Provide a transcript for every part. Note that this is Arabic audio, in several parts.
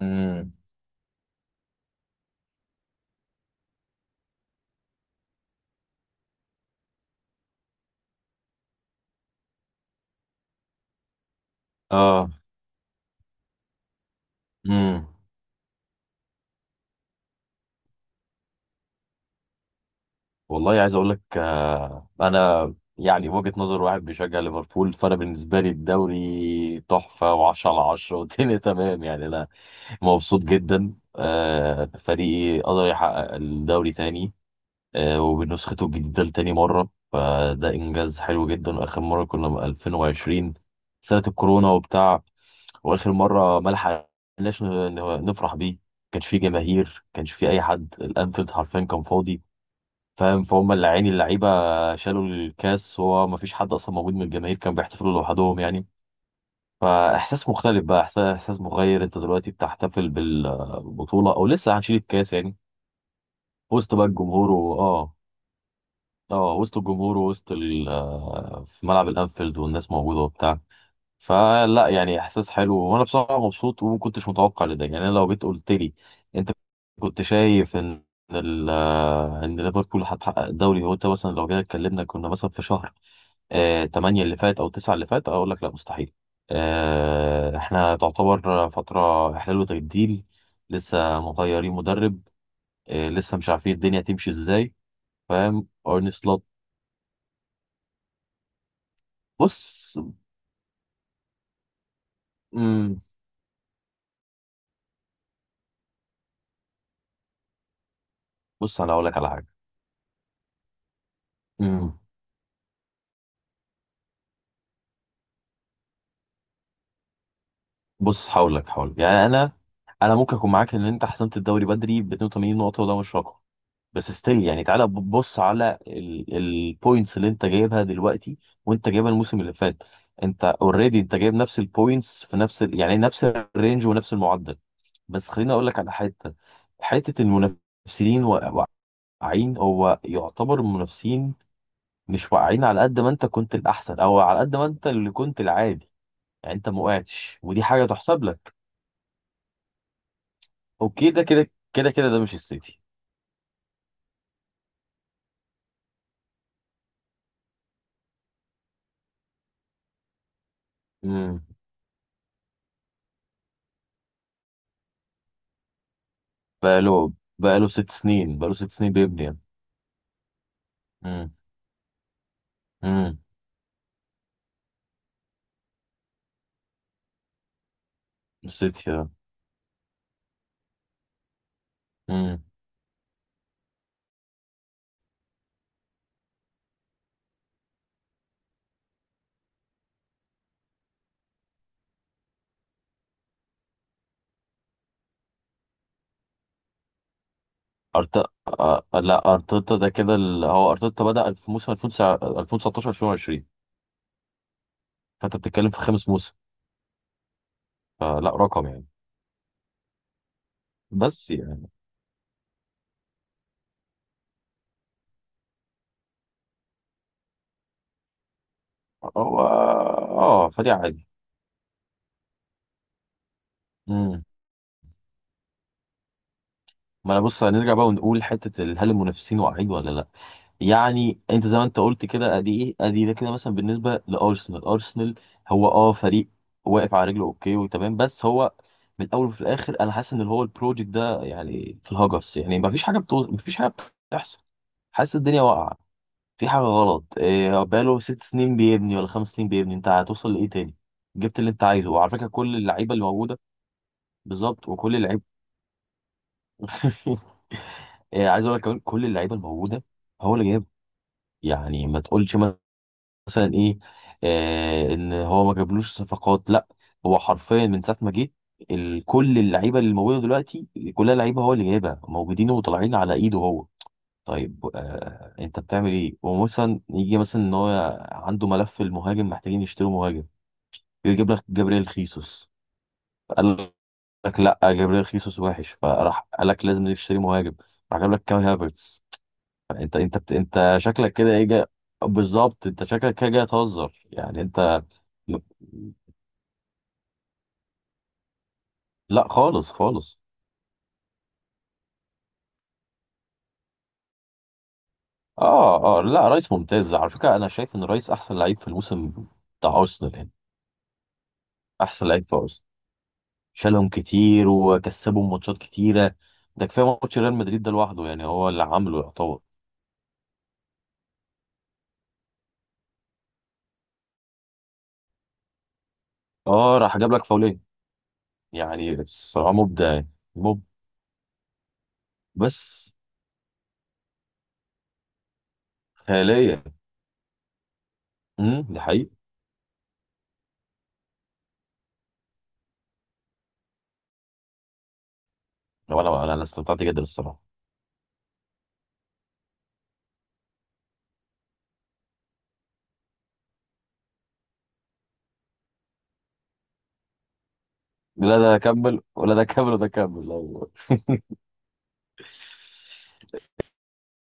امم اه امم والله عايز اقول لك انا، يعني وجهة نظر واحد بيشجع ليفربول، فانا بالنسبه لي الدوري تحفه و10 على 10 والدنيا تمام. يعني انا مبسوط جدا. فريقي قدر يحقق الدوري تاني وبنسخته الجديده لتاني مره، فده انجاز حلو جدا. واخر مره كنا من 2020، سنه الكورونا وبتاع. واخر مره ما لحقناش نفرح بيه. كانش فيه جماهير، كانش فيه اي حد. الانفيلد حرفيا كان فاضي. فاهم؟ فهم اللي عيني اللعيبه شالوا الكاس وهو ما فيش حد اصلا موجود من الجماهير، كان بيحتفلوا لوحدهم يعني. فاحساس مختلف بقى، احساس مغير. انت دلوقتي بتحتفل بالبطوله او لسه هنشيل الكاس يعني. وسط بقى الجمهور، وسط الجمهور، ووسط ال- آه، في ملعب الانفيلد، والناس موجوده وبتاع. فلا يعني احساس حلو، وانا بصراحه مبسوط وما كنتش متوقع لده. يعني أنا لو جيت قلت لي انت، كنت شايف ان ال ان ليفربول هتحقق الدوري؟ هو انت مثلا لو جينا اتكلمنا كنا مثلا في شهر 8 اللي فات او 9 اللي فات، اقول لك لا مستحيل. احنا تعتبر فتره احلال وتجديد، لسه مغيرين مدرب، لسه مش عارفين الدنيا تمشي ازاي. فاهم؟ ارني سلوت. بص مم، بص انا اقول لك على حاجه. مم. بص هقول لك. يعني انا ممكن اكون معاك ان انت حسمت الدوري بدري ب 82 نقطه وده مش رقم، بس ستيل يعني تعالى بص على البوينتس اللي انت جايبها دلوقتي وانت جايبها الموسم اللي فات. انت اوريدي انت جايب نفس البوينتس في يعني نفس الرينج ونفس المعدل. بس خليني اقول لك على حته المنافسين واقعين. هو يعتبر المنافسين مش واقعين على قد ما انت كنت الاحسن او على قد ما انت اللي كنت العادي. يعني انت ما وقعتش، ودي حاجه تحسب لك. اوكي، ده كده كده كده، ده مش السيتي. امم. بقاله بقاله 6 سنين، بقاله ست سنين بيبني يعني. امم. امم. السيتي آه. امم. أرت... لا ارتيتا ده كده هو ارتيتا بدأ في موسم 2019 2020. فانت بتتكلم في 5 موسم، فلا رقم يعني. بس يعني هو اه فدي عادي. امم. ما انا بص، هنرجع بقى ونقول حتة هل المنافسين واقعين ولا لا. يعني انت زي ما انت قلت كده، ادي ايه ادي ده كده مثلا بالنسبه لارسنال. ارسنال هو فريق واقف على رجله، اوكي وتمام، بس هو من الاول وفي الاخر انا حاسس ان اللي هو البروجكت ده يعني في الهجرس، يعني ما فيش حاجه بتحصل. حاسس الدنيا واقعه. في حاجه غلط. إيه، بقاله ست سنين بيبني ولا 5 سنين بيبني، انت هتوصل لايه تاني؟ جبت اللي انت عايزه، وعلى فكره كل اللعيبه اللي موجوده. بالظبط، وكل اللعيبه إيه، عايز اقول لك كمان، كل اللعيبه الموجوده هو اللي جايبها. يعني ما تقولش مثلا ايه، ان هو ما جابلوش صفقات، لا، هو حرفيا من ساعه ما جه، كل اللعيبه اللي موجوده دلوقتي كلها لعيبه هو اللي جايبها، موجودين وطالعين على ايده هو. طيب، انت بتعمل ايه ومثلا يجي مثلا ان هو عنده ملف المهاجم، محتاجين يشتروا مهاجم، يجيب لك جابريل خيسوس. قال لك لا، جابريل خيسوس وحش، فراح قال لك لازم نشتري مهاجم، راح جاب لك كام هافرتس. يعني انت شكلك كده ايه جاي. بالظبط، انت شكلك كده جاي تهزر يعني، انت. لا، خالص خالص. اه، اه، لا، رايس ممتاز. على فكره انا شايف ان رايس احسن لعيب في الموسم بتاع ارسنال يعني. احسن لعيب في ارسنال، شالهم كتير وكسبهم ماتشات كتيره. ده كفايه ماتش ريال مدريد ده لوحده، يعني هو اللي عامله يعتبر. اه، راح جاب لك فاولين. يعني الصراحه مبدع يعني. مب بس خياليه. امم، دي حقيقة. وانا انا أنا استمتعت جدا الصراحه. لا ده كمل ولا ده كمل ولا ده كمل والله.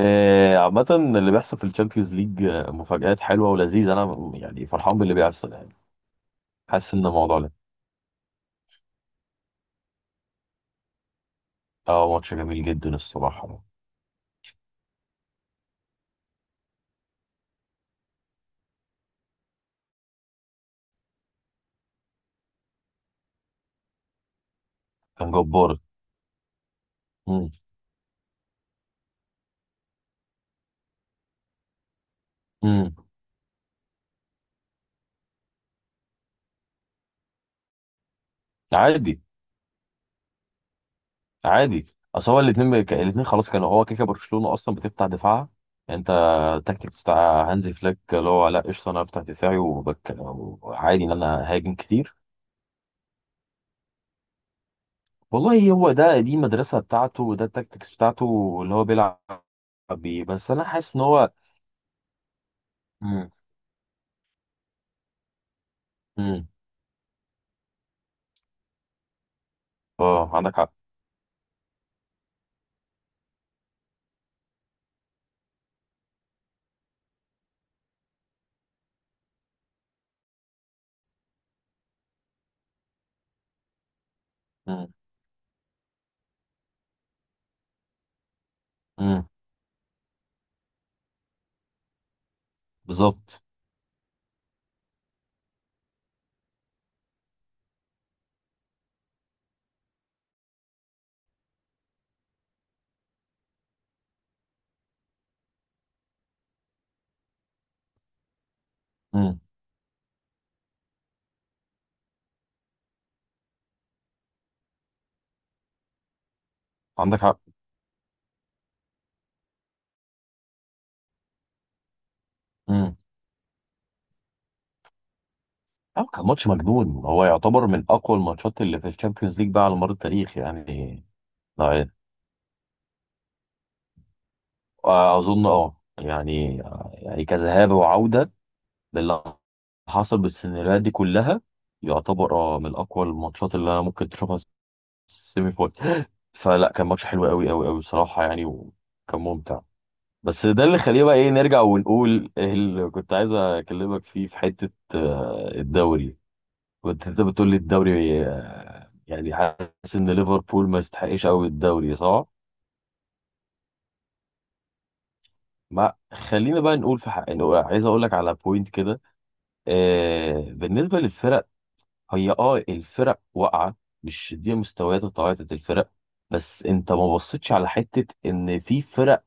عامة اللي بيحصل في الشامبيونز ليج مفاجآت حلوة ولذيذة. أنا يعني فرحان باللي بيحصل يعني. حاسس إن الموضوع ده ماتش جميل جدا الصراحة. كان جبار. مم. مم. عادي. عادي، أصل هو الاتنين خلاص كانوا، هو كده كده برشلونة أصلا بتفتح دفاعها. يعني أنت، التكتيكس بتاع هانزي فليك اللي هو: لا قشطة، أنا أفتح دفاعي وعادي إن أنا هاجم كتير. والله هو ده، دي المدرسة بتاعته وده التكتكس بتاعته اللي هو بيلعب بيه. بس أنا حاسس إن هو. مم. مم. اه، عندك حق. مم. مم. بالظبط. مم. عندك حق. مم. أو كان ماتش مجنون. هو يعتبر من أقوى الماتشات اللي في الشامبيونز ليج بقى على مر التاريخ يعني. لا، أظن، يعني كذهاب وعودة باللي حصل بالسيناريوهات دي كلها، يعتبر من أقوى الماتشات اللي أنا ممكن تشوفها سيمي فاينل. فلا كان ماتش حلو قوي قوي قوي بصراحه يعني، وكان ممتع. بس ده اللي خليه، بقى ايه، نرجع ونقول إيه اللي كنت عايز اكلمك فيه في حته، الدوري. كنت انت بتقول لي الدوري، يعني حاسس ان ليفربول ما يستحقش قوي الدوري، صح؟ ما خلينا بقى نقول في حق، إنه عايز اقول لك على بوينت كده. بالنسبه للفرق، هي الفرق واقعه، مش دي مستويات التعاطي الفرق. بس انت ما بصيتش على حته ان في فرق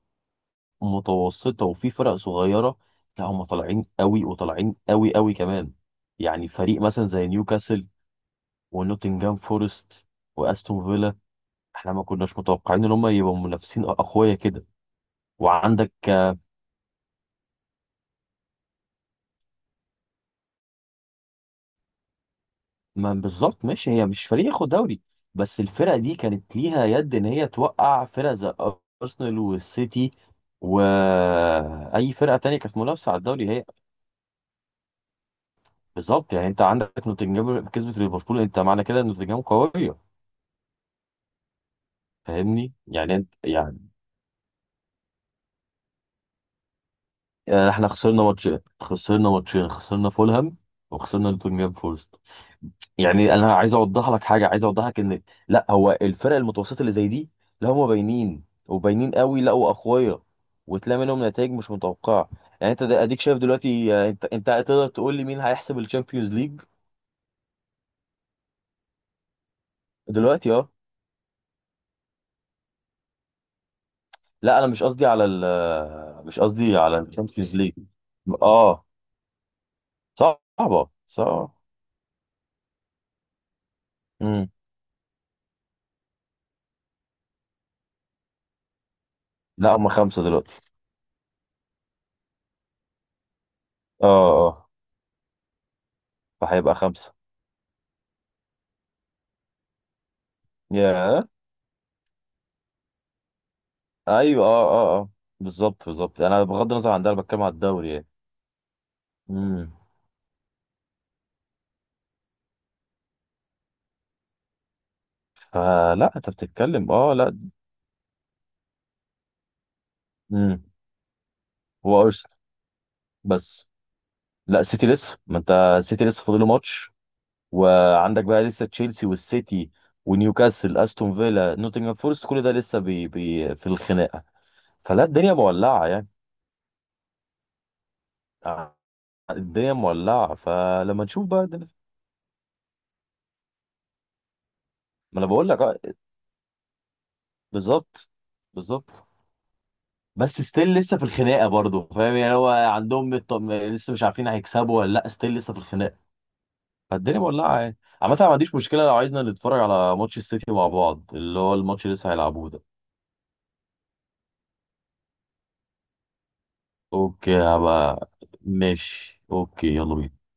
متوسطة وفي فرق صغيرة، لا هم طالعين قوي، وطالعين قوي قوي كمان. يعني فريق مثلا زي نيوكاسل ونوتنجهام فورست واستون فيلا، احنا ما كناش متوقعين ان هم يبقوا منافسين اقوياء كده. وعندك ما بالظبط، ماشي، هي مش فريق ياخد دوري، بس الفرق دي كانت ليها يد ان هي توقع فرق زي ارسنال والسيتي واي فرقه تانية كانت منافسه على الدوري هي. بالظبط، يعني انت عندك نوتنجهام كسبت ليفربول، انت معنى كده ان نوتنجهام قويه. فاهمني يعني، انت يعني احنا خسرنا ماتشين، خسرنا فولهام وخسرنا نوتنجهام فورست. يعني انا عايز اوضح لك حاجه، عايز اوضح لك ان، لا، هو الفرق المتوسطه اللي زي دي، لا هم باينين وباينين قوي، لا واقوياء، وتلاقي منهم نتائج مش متوقعه. يعني انت اديك شايف دلوقتي. انت تقدر تقول لي مين هيحسب الشامبيونز ليج دلوقتي؟ اه. لا، انا مش قصدي على ال آه، مش قصدي على الشامبيونز ليج. اه، صعبه صعبه. امم. لا، هم خمسه دلوقتي. اه. اه، فهيبقى خمسة. يا ايوه، اه، اه، اه، بالظبط، بالظبط. انا بغض النظر عن ده، انا بتكلم على الدوري يعني. امم. فلا انت بتتكلم، لا. امم. هو ارسنال بس. لا، السيتي لسه، ما انت السيتي لسه فاضله ماتش. وعندك بقى لسه تشيلسي والسيتي ونيوكاسل استون فيلا نوتنغهام فورست، كل ده لسه بي في الخناقة. فلا الدنيا مولعة يعني. آه، الدنيا مولعة، فلما نشوف بقى الدنيا. ما انا بقول لك، بالظبط، بالظبط. بس ستيل لسه في الخناقه برضه، فاهم يعني، هو عندهم لسه مش عارفين هيكسبوا ولا لا، ستيل لسه في الخناقه. فالدنيا مولعه يعني، عامه أنا ما عنديش مشكله لو عايزنا نتفرج على ماتش السيتي مع بعض، اللي هو الماتش اللي لسه هيلعبوه ده. اوكي، هبقى ماشي. اوكي، يلا بينا.